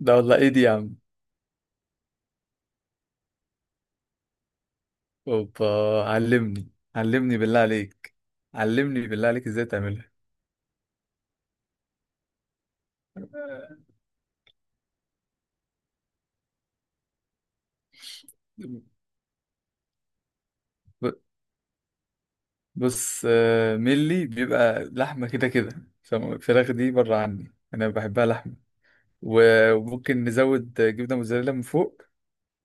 ده والله ايه دي يا عم. اوبا. علمني علمني بالله عليك. علمني بالله عليك ازاي تعملها. ب- بص، ملي بيبقى لحمة كده كده، فالفراخ دي بره عني انا بحبها لحمة. وممكن نزود جبنة موتزاريلا من فوق.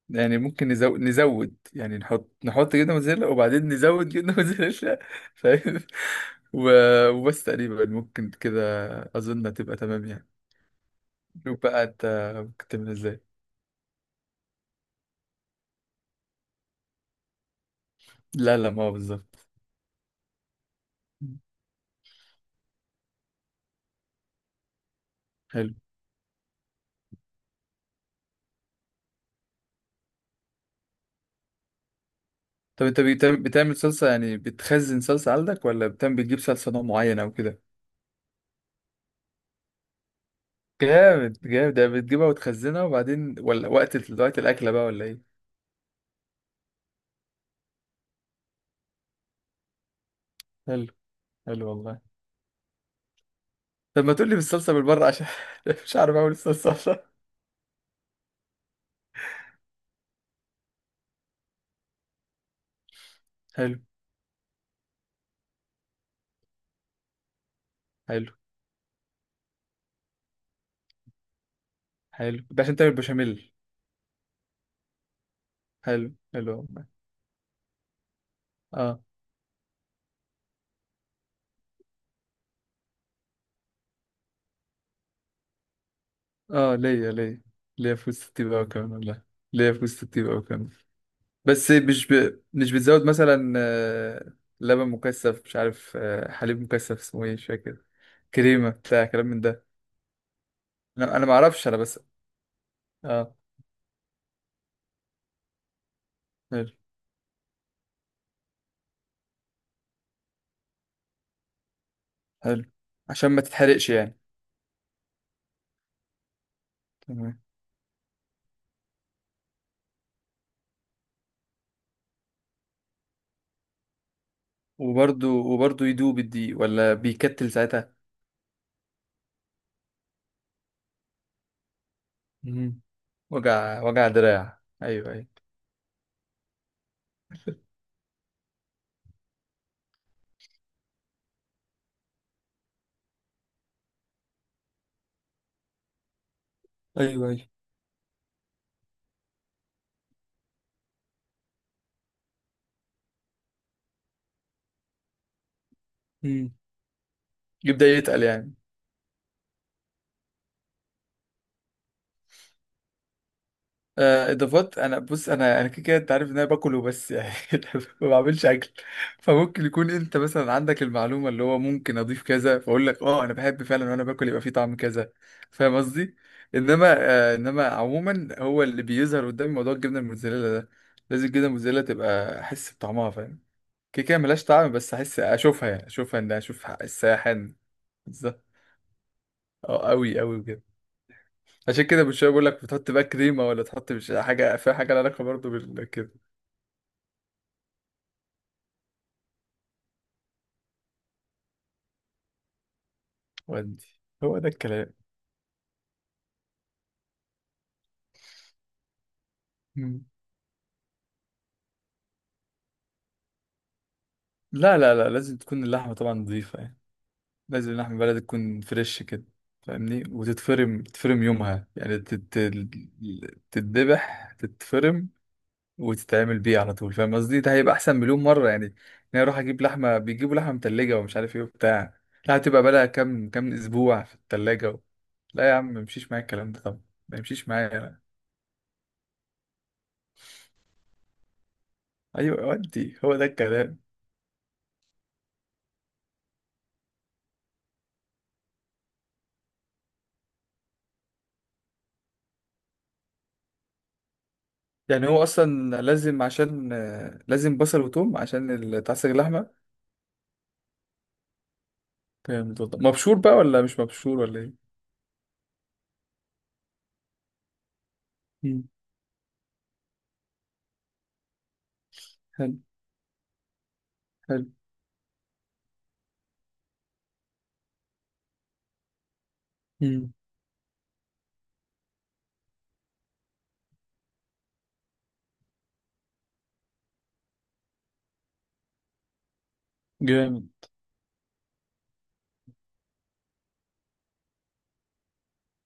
يعني ممكن نزود يعني نحط جبنة موتزاريلا وبعدين نزود جبنة موتزاريلا. فاهم؟ وبس تقريبا ممكن كده. اظن هتبقى تمام يعني. شوف بقى انت ممكن تعمل ازاي. لا لا، ما هو بالظبط. حلو. طب انت بتعمل صلصة يعني؟ بتخزن صلصة عندك ولا بتعمل بتجيب صلصة نوع معين او كده؟ جامد جامد. ده بتجيبها وتخزنها وبعدين، ولا وقت وقت الأكلة بقى ولا ايه؟ حلو حلو والله. طب ما تقول لي بالصلصة بالبره عشان مش عارف اعمل الصلصة عشان. حلو. حلو حلو، ده عشان تعمل بشاميل. حلو حلو والله. اه. اه، ليا ليا. ليا في وسط الطيب قوي كمان والله. ليا في وسط الطيب قوي كمان. بس مش بتزود مثلا لبن مكثف مش عارف، حليب مكثف اسمه ايه مش فاكر. كريمه بتاع كلام من ده. انا ما اعرفش انا بس. اه. حلو. حلو، عشان ما تتحرقش يعني. تمام. وبرده يدوب الدقيق ولا بيكتل ساعتها؟ مم. وجع وجع دراع، ايوه ايوه. ايوه ايوه. مم. يبدأ يتقل يعني. اضافات. انا بص، انا كده كده، انت عارف ان انا باكل وبس يعني. ما بعملش اكل. فممكن يكون انت مثلا عندك المعلومه اللي هو ممكن اضيف كذا، فاقول لك اه انا بحب فعلا، وانا باكل يبقى فيه طعم كذا. فاهم قصدي؟ انما آه، عموما هو اللي بيظهر قدامي موضوع الجبنه الموتزاريلا ده. لازم الجبنه الموتزاريلا تبقى احس بطعمها. فاهم؟ كده كده ملهاش طعم، بس احس اشوفها يعني، اشوفها ان اشوف الساحن. بالظبط. اه قوي قوي بجد. عشان كده مش بقول لك بتحط بقى كريمه ولا تحط، مش حاجه فيها حاجه لها علاقه برضه بال كده. ودي هو ده الكلام. مم. لا لا لا، لازم تكون اللحمه طبعا نظيفه يعني. لازم اللحمه بلدي تكون فريش كده. فاهمني؟ وتتفرم يومها يعني، تتذبح تتفرم وتتعمل بيه على طول. فاهم قصدي؟ ده هيبقى احسن مليون مره يعني. ان انا اروح اجيب لحمه، بيجيبوا لحمه متلجه ومش عارف ايه وبتاع، لا هتبقى بقى لها كام كام اسبوع في التلاجة، و... لا يا عم ما يمشيش معايا الكلام ده طبعا. ما يمشيش معايا. ايوه ودي هو ده الكلام. يعني هو اصلا لازم، عشان لازم بصل وتوم عشان تعصج اللحمه. جامد والله. مبشور بقى ولا مش مبشور ولا ايه؟ مم. حلو. حلو. مم. جامد.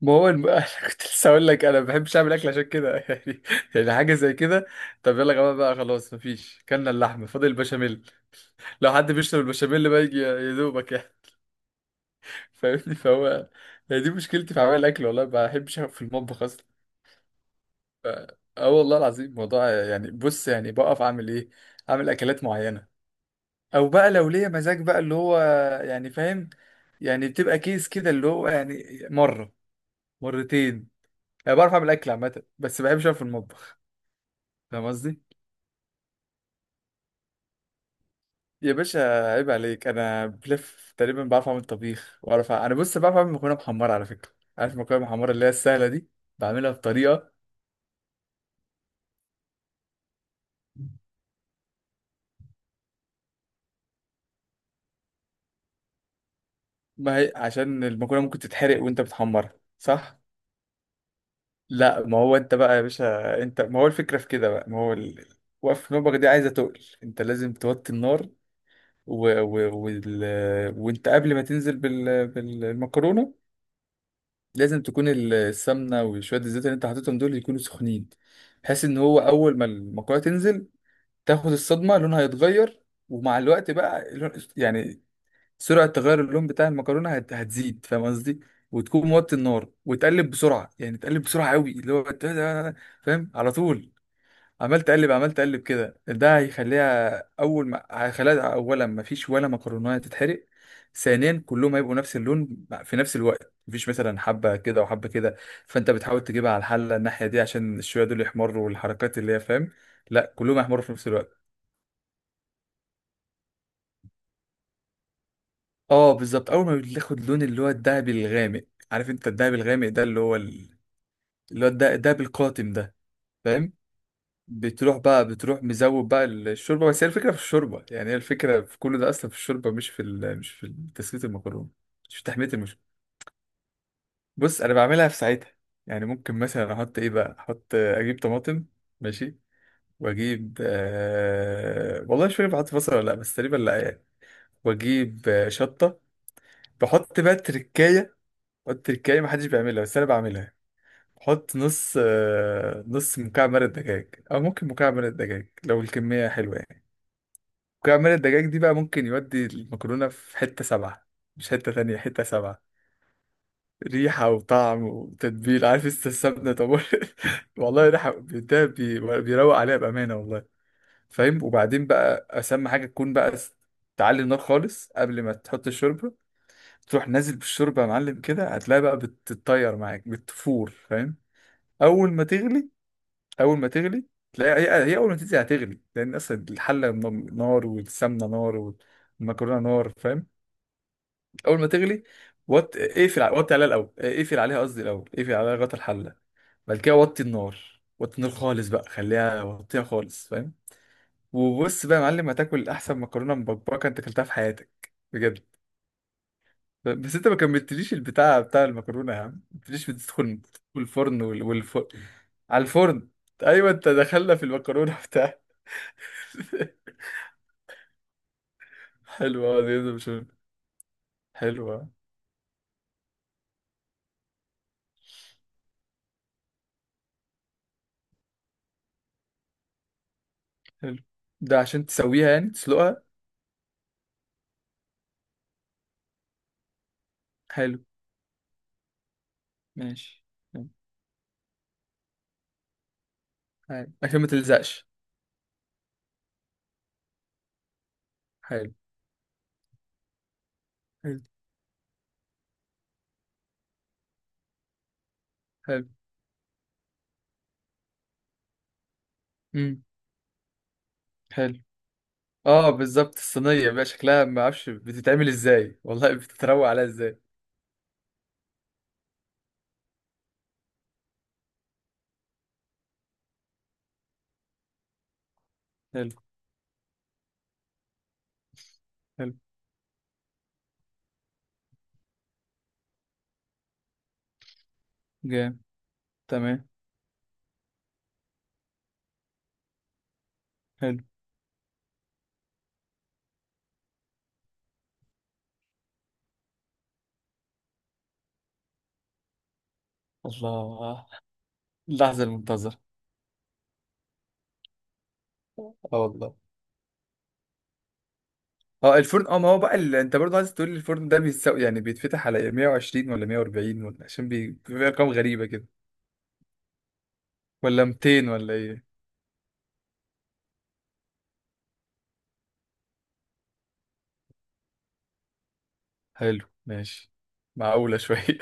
ما هو الم... انا كنت لسه اقول لك انا ما بحبش اعمل اكل عشان كده. يعني حاجه زي كده. طب يلا يا جماعه بقى خلاص، مفيش، كلنا اللحمه، فاضل البشاميل. لو حد بيشرب البشاميل بقى يجي يا دوبك يعني. فاهمني فهو. هي دي مشكلتي في عمل الاكل والله. ما بحبش أقف في المطبخ. اه. والله العظيم موضوع يعني، بص يعني بقف اعمل ايه، اعمل اكلات معينه، او بقى لو ليا مزاج بقى اللي هو يعني، فاهم؟ يعني بتبقى كيس كده اللي هو يعني مره مرتين. انا بعرف اعمل اكل عامه، بس ما بحبش اقف في المطبخ. فاهم قصدي؟ يا باشا عيب عليك، انا بلف تقريبا بعرف اعمل طبيخ، واعرف انا بص بعرف اعمل مكرونه محمره على فكره. عارف المكرونه المحمره اللي هي السهله دي؟ بعملها بطريقه. ما هي عشان المكرونه ممكن تتحرق وانت بتحمرها، صح. لا ما هو انت بقى يا باشا، انت ما هو الفكره في كده بقى، ما هو وقف نوبك دي عايزه تقل، انت لازم توطي النار. و... و... وال... وانت قبل ما تنزل بالمكرونه، لازم تكون السمنه وشويه الزيت اللي انت حاططهم دول يكونوا سخنين، بحيث ان هو اول ما المكرونه تنزل تاخد الصدمه لونها يتغير. ومع الوقت بقى لون... يعني سرعة تغير اللون بتاع المكرونة هتزيد، فاهم قصدي؟ وتكون موطي النار وتقلب بسرعة. يعني تقلب بسرعة قوي، اللي هو فاهم على طول؟ عمال تقلب عمال تقلب كده. ده هيخليها، أولا ما فيش ولا مكرونة تتحرق، ثانيا كلهم هيبقوا نفس اللون في نفس الوقت، مفيش مثلا حبة كده وحبة كده. فأنت بتحاول تجيبها على الحلة الناحية دي عشان الشوية دول يحمروا والحركات اللي هي، فاهم؟ لا كلهم هيحمروا في نفس الوقت. اه بالظبط. اول ما بتاخد لون اللي هو الدهبي الغامق. عارف انت الدهبي الغامق ده اللي هو الدهبي القاتم ده؟ فاهم؟ بتروح مزود بقى الشوربه. بس هي الفكره في الشوربه. يعني هي الفكره في كل ده اصلا في الشوربه، مش في مش في تسويه المكرونه. مش في تحميه المشروب. بص انا بعملها في ساعتها. يعني ممكن مثلا احط ايه بقى، احط، اجيب طماطم، ماشي، واجيب والله مش فاكر بحط بصل ولا لا، بس تقريبا لا يعني. واجيب شطه. بحط بقى تركايه. التركاية محدش بيعملها بس انا بعملها. بحط نص مكعب مرق دجاج، او ممكن مكعب مرق دجاج لو الكمية حلوة يعني. مكعب مرق الدجاج دي بقى ممكن يودي المكرونة في حتة سبعة. مش حتة تانية، حتة سبعة. ريحة وطعم وتتبيل، عارف انت السمنة طب. والله ريحة ده بيروق عليها بأمانة والله. فاهم؟ وبعدين بقى أسمى حاجة تكون تعلي النار خالص قبل ما تحط الشوربة. تروح نازل بالشوربة يا معلم كده، هتلاقي بقى بتتطير معاك بتفور، فاهم؟ اول ما تغلي. اول ما تغلي تلاقي هي اول ما تنزل هتغلي، لان اصلا الحله نار، والسمنه نار، والمكرونه نار، فاهم؟ اول ما تغلي، وطي عليها الاول، اقفل عليها قصدي الاول، اقفل عليها لغايه الحله. بعد كده وطي النار، وطي النار خالص بقى، خليها، وطيها خالص، فاهم؟ وبص بقى يا معلم هتاكل احسن مكرونه مبكبكه انت اكلتها في حياتك، بجد. بس انت ما كملتليش البتاع بتاع المكرونه يا عم. ما قلتليش بتدخل الفرن والفرن. على الفرن. ايوه انت دخلنا في المكرونه بتاع. حلوه. اه دي مشهور حلوه. حلو ده عشان تسويها يعني، تسلقها. حلو ماشي. حلو. حلو، عشان ما تلزقش. حلو. حلو. حلو. امم حلو. اه بالظبط، الصينيه بقى شكلها ما اعرفش بتتعمل ازاي والله، بتتروق عليها ازاي. حلو. حلو. جامد. تمام. حلو. الله، اللحظه المنتظره. اه والله. اه الفرن، اه ما هو بقى انت برضه عايز تقول لي الفرن ده بيتساوي يعني بيتفتح على 120 ولا 140 ولا إيه؟ عشان بيبقى ارقام غريبة كده. ولا 200 ولا ايه؟ حلو ماشي. معقولة شوية.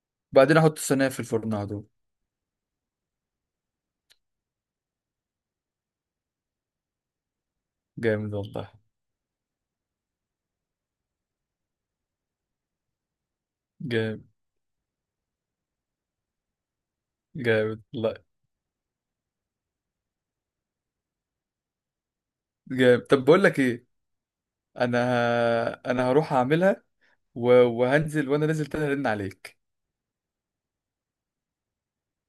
بعدين احط الصينية في الفرن على طول. جامد والله. جامد. جامد والله. جامد. طب بقول لك ايه، انا هروح اعملها، و... وهنزل، وانا نازل تاني ارن عليك.